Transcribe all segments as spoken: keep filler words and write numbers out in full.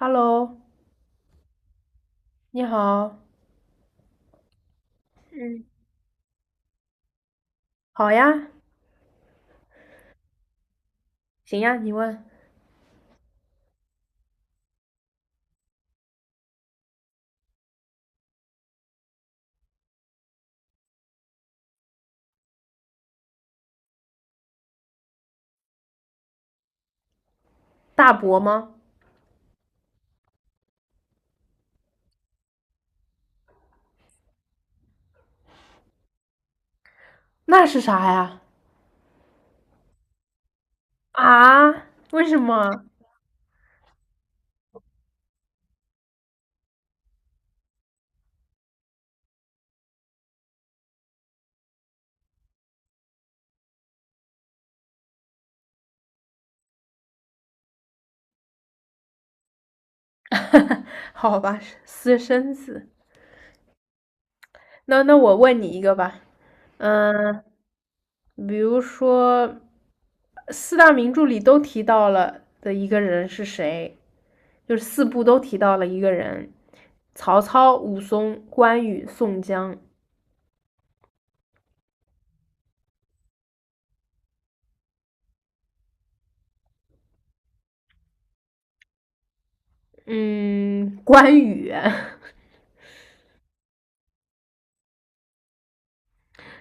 Hello，你好，嗯，好呀，行呀，你问大伯吗？那是啥呀？啊？为什么？好吧，私生子。那那我问你一个吧，嗯，比如说四大名著里都提到了的一个人是谁？就是四部都提到了一个人，曹操、武松、关羽、宋江。嗯，关羽。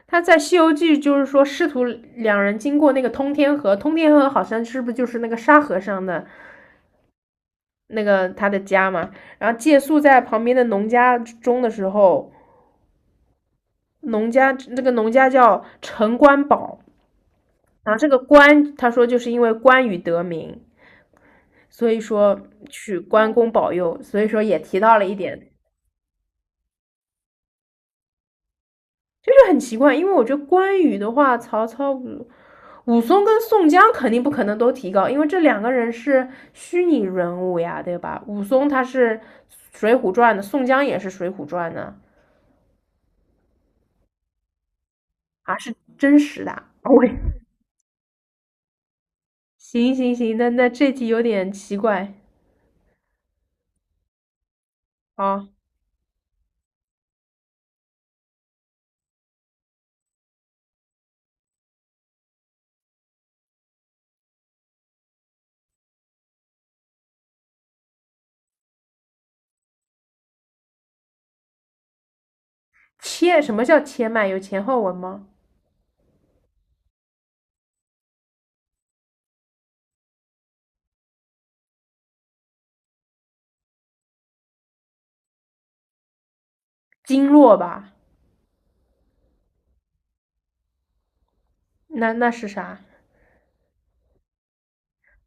他在《西游记》就是说，师徒两人经过那个通天河，通天河好像是不是就是那个沙和尚的那个他的家嘛？然后借宿在旁边的农家中的时候，农家那个农家叫陈官宝，然后这个关他说就是因为关羽得名，所以说取关公保佑，所以说也提到了一点。这就是很奇怪，因为我觉得关羽的话，曹操、武武松跟宋江肯定不可能都提高，因为这两个人是虚拟人物呀，对吧？武松他是《水浒传》的，宋江也是《水浒传》的，啊，是真实的。我行行行，那那这题有点奇怪啊。切，什么叫切脉？有前后文吗？经络吧？那那是啥？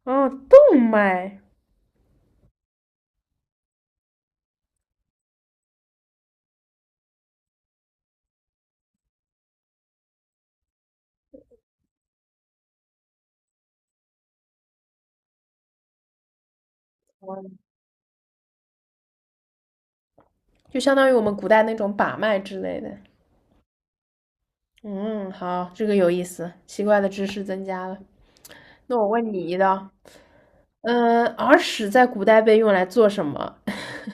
哦，动脉，就相当于我们古代那种把脉之类的。嗯，好，这个有意思，奇怪的知识增加了。那我问你一道，嗯，耳屎在古代被用来做什么？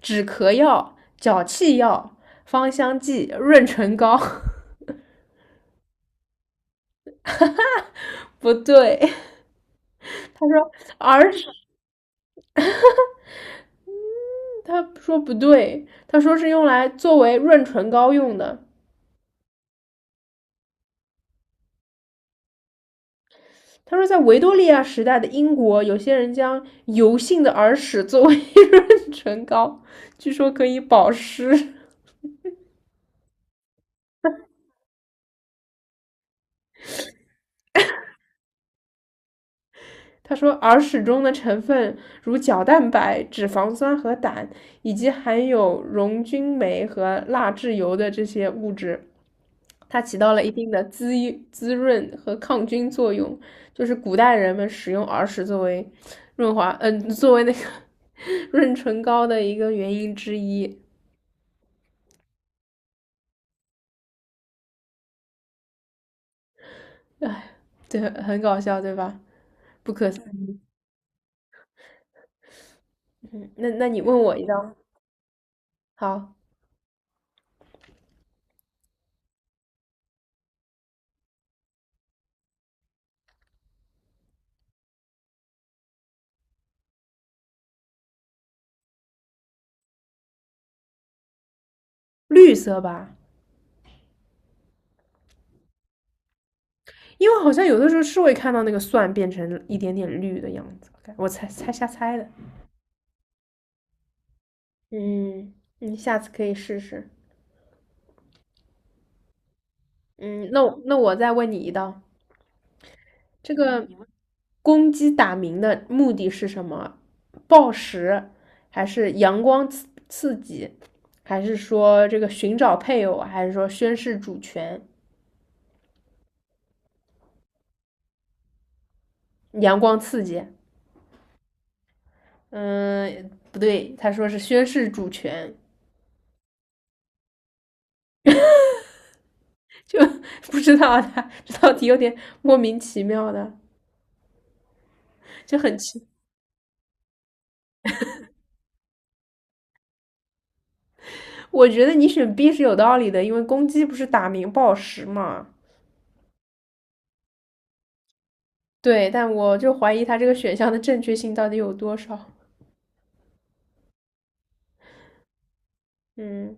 止咳药、脚气药、芳香剂、润唇膏？不对，耳屎他说不对，他说是用来作为润唇膏用的。他说，在维多利亚时代的英国，有些人将油性的耳屎作为 润唇膏，据说可以保湿。他说，耳屎中的成分如角蛋白、脂肪酸和胆，以及含有溶菌酶和蜡质油的这些物质，它起到了一定的滋滋润和抗菌作用。就是古代人们使用耳屎作为润滑，嗯、呃作为那个 润唇膏的一个原因之一。对，很搞笑，对吧？不可思议。嗯那那你问我一道，好，绿色吧？因为好像有的时候是会看到那个蒜变成一点点绿的样子，我猜猜瞎猜的。嗯，你下次可以试试。嗯，那我那我再问你一道，这个公鸡打鸣的目的是什么？报时，还是阳光刺刺激，还是说这个寻找配偶，还是说宣誓主权？阳光刺激，嗯，不对，他说是宣誓主权，就 不知道他这道题有点莫名其妙的。就很奇。我觉得你选 B 是有道理的，因为公鸡不是打鸣报时嘛。对，但我就怀疑它这个选项的正确性到底有多少。嗯，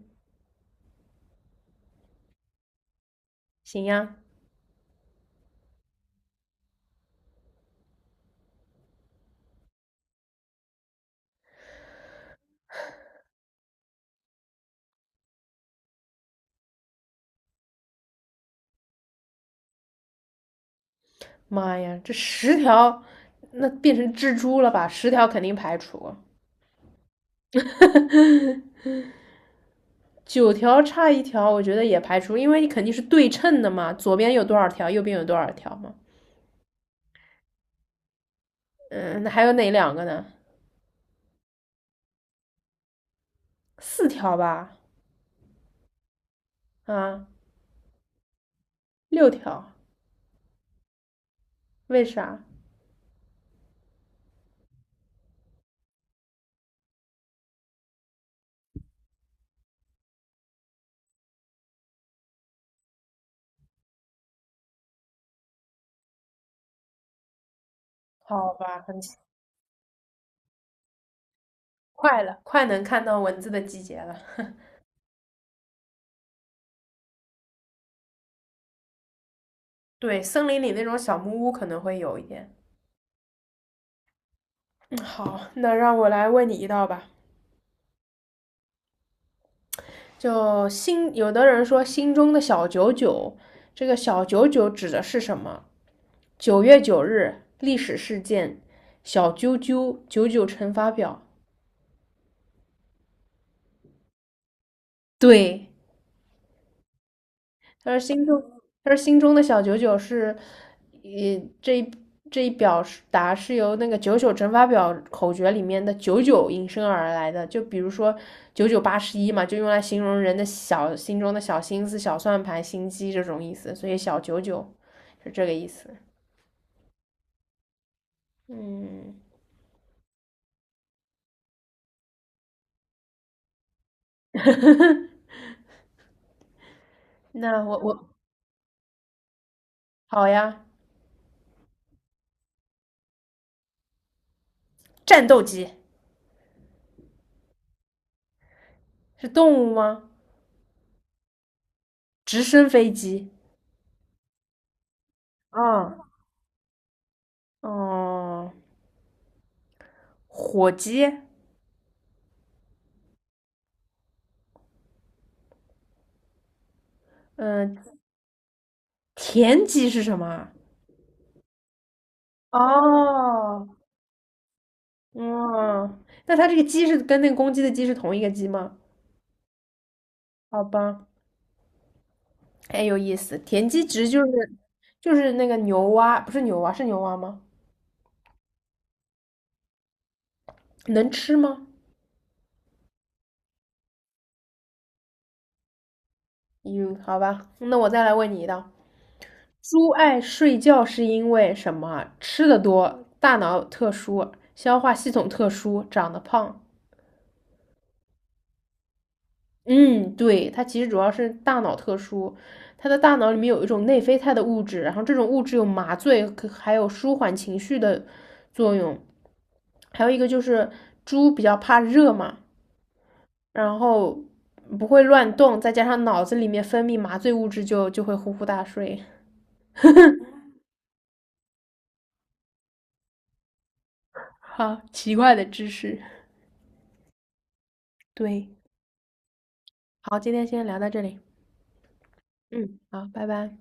行呀，妈呀，这十条那变成蜘蛛了吧？十条肯定排除，九条差一条，我觉得也排除，因为你肯定是对称的嘛，左边有多少条，右边有多少条嘛。嗯，那还有哪两个呢？四条吧？啊，六条，为啥？好吧，很奇。快了，快能看到蚊子的季节了。对，森林里那种小木屋可能会有一点。嗯，好，那让我来问你一道吧。就心，有的人说心中的小九九，这个小九九指的是什么？九月九日历史事件，小啾啾九九乘法表。对，他说心中，他说心中的小九九是，呃，这一这一表是达是由那个九九乘法表口诀里面的九九引申而来的。就比如说九九八十一嘛，就用来形容人的小心中的小心思、小算盘、心机这种意思。所以小九九是这个意思。嗯，那我我好呀。战斗机是动物吗？直升飞机。啊，哦，火机。嗯、田鸡是什么？哦，嗯，那它这个鸡是跟那个公鸡的鸡是同一个鸡吗？好吧，哎，有意思。田鸡其实就是就是那个牛蛙，不是牛蛙，是牛蛙吗？能吃吗？嗯，好吧，那我再来问你一道：猪爱睡觉是因为什么？吃的多，大脑特殊，消化系统特殊，长得胖。嗯，对，它其实主要是大脑特殊，它的大脑里面有一种内啡肽的物质，然后这种物质有麻醉，可还有舒缓情绪的作用。还有一个就是猪比较怕热嘛，然后不会乱动，再加上脑子里面分泌麻醉物质就，就会呼呼大睡。好，奇怪的知识。对，好，今天先聊到这里。嗯，好，拜拜。